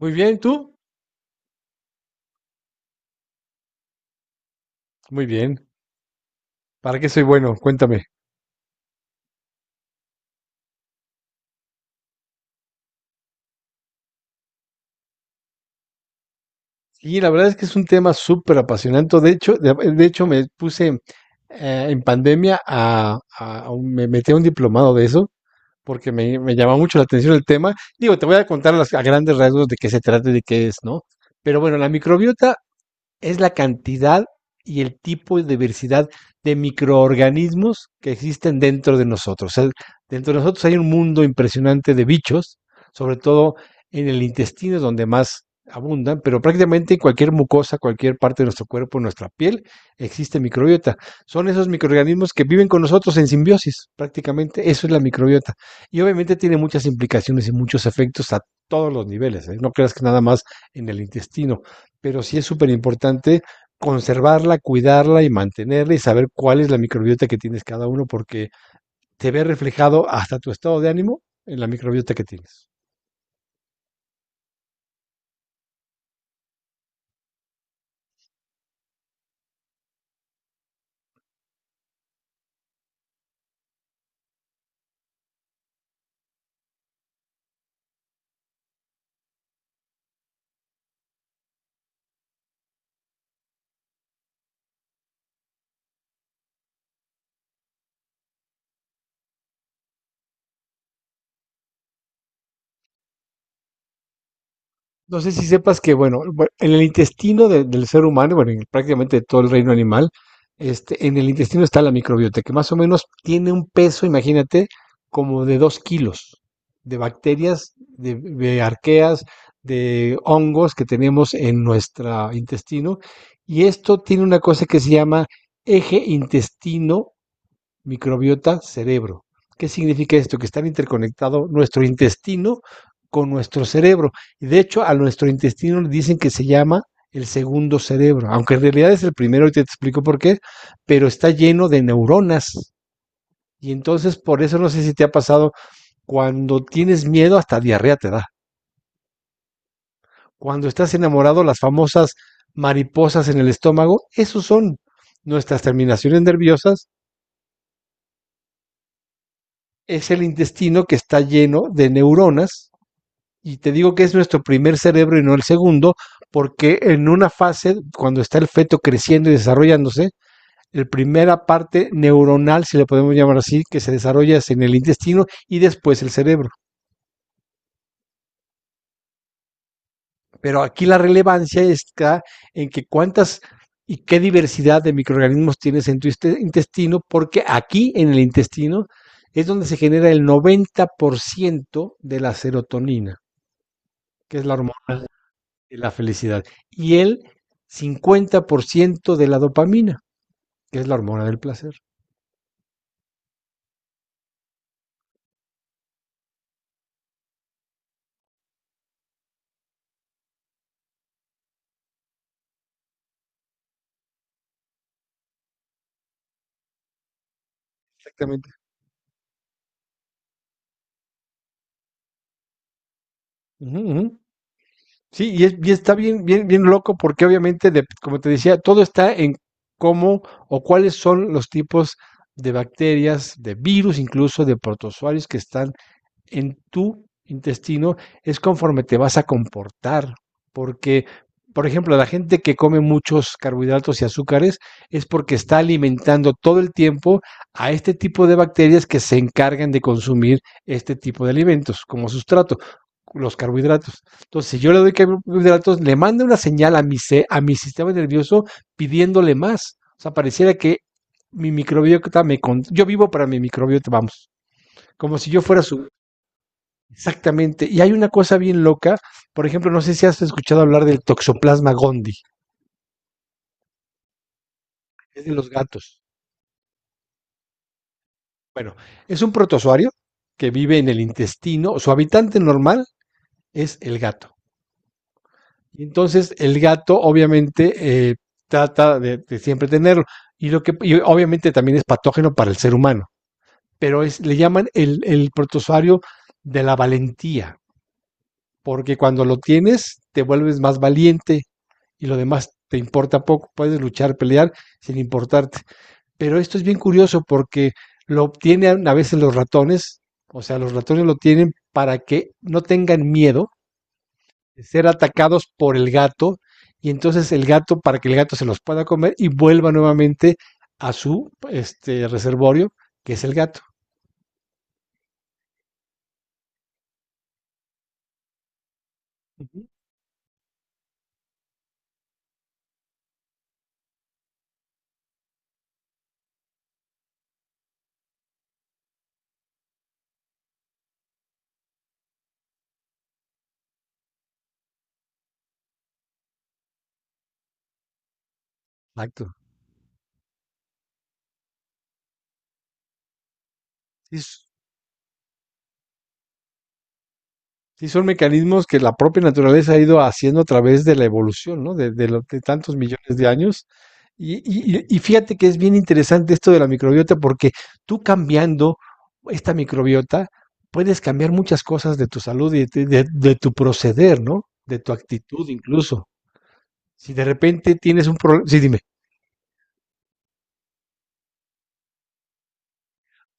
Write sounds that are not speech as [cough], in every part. Muy bien, ¿tú? Muy bien. ¿Para qué soy bueno? Cuéntame. Y la verdad es que es un tema súper apasionante. De hecho, de hecho me puse en pandemia me metí a un diplomado de eso porque me llamaba mucho la atención el tema. Digo, te voy a contar a grandes rasgos de qué se trata y de qué es, ¿no? Pero bueno, la microbiota es la cantidad y el tipo de diversidad de microorganismos que existen dentro de nosotros. O sea, dentro de nosotros hay un mundo impresionante de bichos, sobre todo en el intestino es donde más abundan, pero prácticamente en cualquier mucosa, cualquier parte de nuestro cuerpo, en nuestra piel, existe microbiota. Son esos microorganismos que viven con nosotros en simbiosis, prácticamente eso es la microbiota. Y obviamente tiene muchas implicaciones y muchos efectos a todos los niveles, ¿eh? No creas que nada más en el intestino, pero sí es súper importante conservarla, cuidarla y mantenerla y saber cuál es la microbiota que tienes cada uno, porque te ve reflejado hasta tu estado de ánimo en la microbiota que tienes. No sé si sepas que, bueno, en el intestino del ser humano, bueno, en prácticamente todo el reino animal, en el intestino está la microbiota, que más o menos tiene un peso, imagínate, como de 2 kilos de bacterias, de arqueas, de hongos que tenemos en nuestro intestino. Y esto tiene una cosa que se llama eje intestino microbiota cerebro. ¿Qué significa esto? Que están interconectados nuestro intestino con nuestro cerebro. Y de hecho, a nuestro intestino le dicen que se llama el segundo cerebro, aunque en realidad es el primero y te explico por qué, pero está lleno de neuronas. Y entonces, por eso no sé si te ha pasado, cuando tienes miedo, hasta diarrea te da. Cuando estás enamorado, las famosas mariposas en el estómago, esos son nuestras terminaciones nerviosas, es el intestino que está lleno de neuronas. Y te digo que es nuestro primer cerebro y no el segundo, porque en una fase, cuando está el feto creciendo y desarrollándose, la primera parte neuronal, si le podemos llamar así, que se desarrolla es en el intestino y después el cerebro. Pero aquí la relevancia está en que cuántas y qué diversidad de microorganismos tienes en tu intestino, porque aquí en el intestino es donde se genera el 90% de la serotonina, que es la hormona de la felicidad, y el 50% de la dopamina, que es la hormona del placer. Exactamente. Ujú, ujú. Sí, y, y está bien, bien, bien loco porque obviamente, como te decía, todo está en cómo o cuáles son los tipos de bacterias, de virus, incluso de protozoarios que están en tu intestino es conforme te vas a comportar, porque, por ejemplo, la gente que come muchos carbohidratos y azúcares es porque está alimentando todo el tiempo a este tipo de bacterias que se encargan de consumir este tipo de alimentos como sustrato los carbohidratos. Entonces, si yo le doy carbohidratos, le mando una señal a mi sistema nervioso pidiéndole más. O sea, pareciera que mi microbiota me... Con yo vivo para mi microbiota, vamos. Como si yo fuera su, exactamente. Y hay una cosa bien loca. Por ejemplo, no sé si has escuchado hablar del Toxoplasma gondii, es de los gatos. Bueno, es un protozoario que vive en el intestino. Su habitante normal es el gato. Y entonces, el gato obviamente eh, trata de siempre tenerlo. Y, lo que, y obviamente también es patógeno para el ser humano. Pero es, le llaman el protozoario de la valentía, porque cuando lo tienes te vuelves más valiente, y lo demás te importa poco, puedes luchar, pelear sin importarte. Pero esto es bien curioso porque lo obtienen a veces los ratones, o sea, los ratones lo tienen para que no tengan miedo de ser atacados por el gato y entonces el gato para que el gato se los pueda comer y vuelva nuevamente a su este reservorio, que es el gato. Exacto. Es sí, son mecanismos que la propia naturaleza ha ido haciendo a través de la evolución, ¿no? De, de tantos millones de años. Y, y fíjate que es bien interesante esto de la microbiota, porque tú cambiando esta microbiota, puedes cambiar muchas cosas de tu salud y de tu proceder, ¿no? De tu actitud incluso. Si de repente tienes un problema, sí, dime.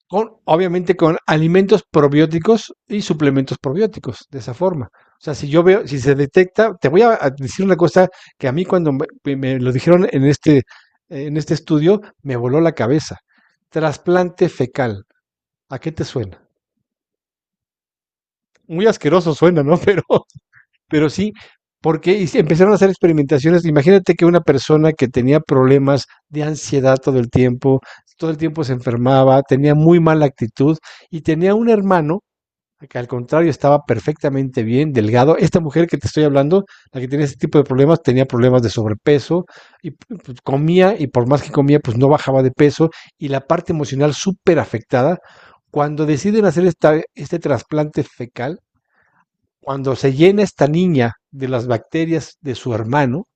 Con, obviamente con alimentos probióticos y suplementos probióticos, de esa forma. O sea, si yo veo, si se detecta, te voy a decir una cosa que a mí cuando me lo dijeron en este estudio, me voló la cabeza. Trasplante fecal. ¿A qué te suena? Muy asqueroso suena, ¿no? [laughs] Pero sí, porque sí, empezaron a hacer experimentaciones. Imagínate que una persona que tenía problemas de ansiedad todo el tiempo se enfermaba, tenía muy mala actitud y tenía un hermano que al contrario estaba perfectamente bien, delgado. Esta mujer que te estoy hablando, la que tenía este tipo de problemas, tenía problemas de sobrepeso y pues, comía y por más que comía, pues no bajaba de peso y la parte emocional súper afectada. Cuando deciden hacer esta, este trasplante fecal, cuando se llena esta niña de las bacterias de su hermano,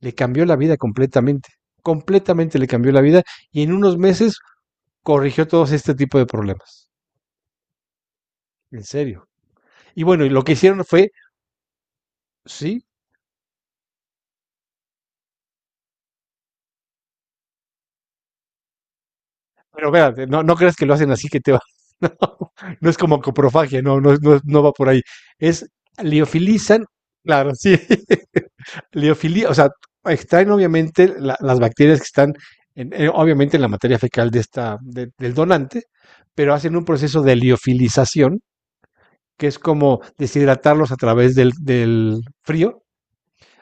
le cambió la vida completamente, completamente le cambió la vida y en unos meses corrigió todos este tipo de problemas. En serio. Y bueno, y lo que hicieron fue, sí, pero espérate, no, no creas que lo hacen así que te va. [laughs] No, no es como coprofagia, no, no, no va por ahí. Es liofilizan, claro, sí. [laughs] Liofilía, o sea, extraen obviamente las bacterias que están obviamente en la materia fecal de esta, del donante, pero hacen un proceso de liofilización, que es como deshidratarlos a través del frío,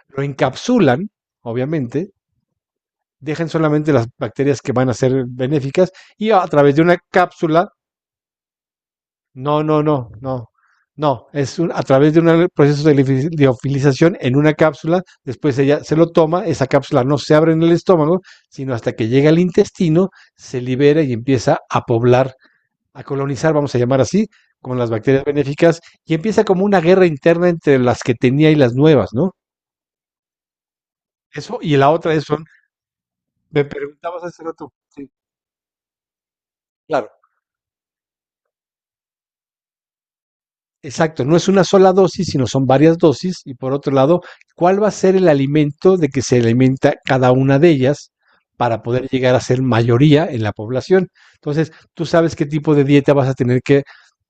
lo encapsulan, obviamente, dejan solamente las bacterias que van a ser benéficas y a través de una cápsula. No, no, no, no. No, es un- a través de un proceso de liofilización en una cápsula, después ella se lo toma, esa cápsula no se abre en el estómago, sino hasta que llega al intestino, se libera y empieza a poblar, a colonizar, vamos a llamar así, con las bacterias benéficas, y empieza como una guerra interna entre las que tenía y las nuevas, ¿no? Eso, y la otra es, son, me preguntabas hace rato, sí, claro. Exacto, no es una sola dosis, sino son varias dosis. Y por otro lado, ¿cuál va a ser el alimento de que se alimenta cada una de ellas para poder llegar a ser mayoría en la población? Entonces, tú sabes qué tipo de dieta vas a tener que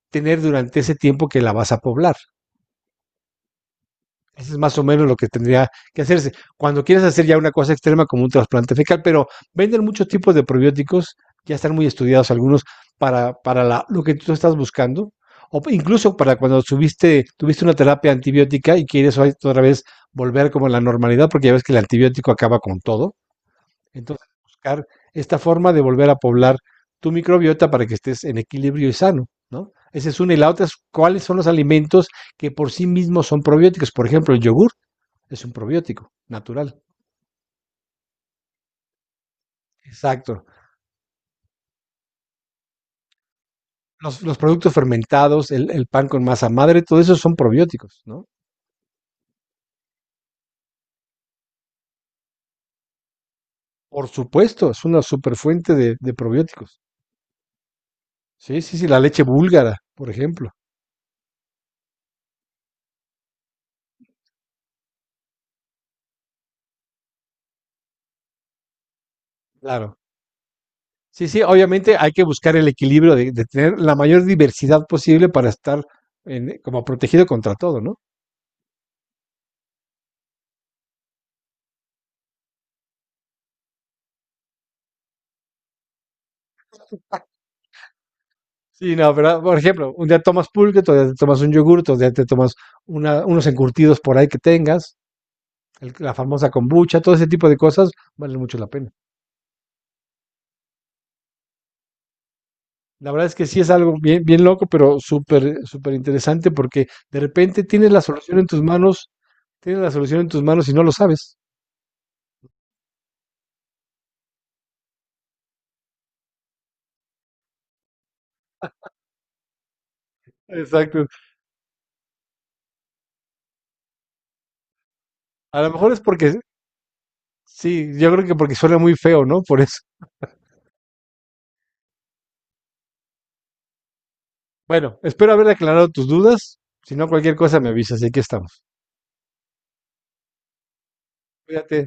tener durante ese tiempo que la vas a poblar. Eso es más o menos lo que tendría que hacerse. Cuando quieres hacer ya una cosa extrema como un trasplante fecal, pero venden muchos tipos de probióticos, ya están muy estudiados algunos para la, lo que tú estás buscando, o incluso para cuando subiste, tuviste una terapia antibiótica y quieres otra vez volver como a la normalidad, porque ya ves que el antibiótico acaba con todo. Entonces, buscar esta forma de volver a poblar tu microbiota para que estés en equilibrio y sano, ¿no? Esa es una. Y la otra es cuáles son los alimentos que por sí mismos son probióticos. Por ejemplo, el yogur es un probiótico natural. Exacto. Los productos fermentados, el, pan con masa madre, todo eso son probióticos, ¿no? Por supuesto, es una superfuente de probióticos. Sí, sí, sí, la leche búlgara, por ejemplo. Claro. Sí, sí, obviamente hay que buscar el equilibrio de tener la mayor diversidad posible para estar en, como protegido contra todo, ¿no? Sí, no, pero por ejemplo, un día tomas pulque, otro día te tomas un yogur, otro día te tomas una, unos encurtidos por ahí que tengas, la famosa kombucha, todo ese tipo de cosas valen mucho la pena. La verdad es que sí es algo bien, bien loco, pero súper, súper interesante porque de repente tienes la solución en tus manos, tienes la solución en tus manos y no lo sabes. Exacto. A lo mejor es porque, sí, yo creo que porque suena muy feo, ¿no? Por eso. Bueno, espero haber aclarado tus dudas. Si no, cualquier cosa me avisas y aquí estamos. Cuídate.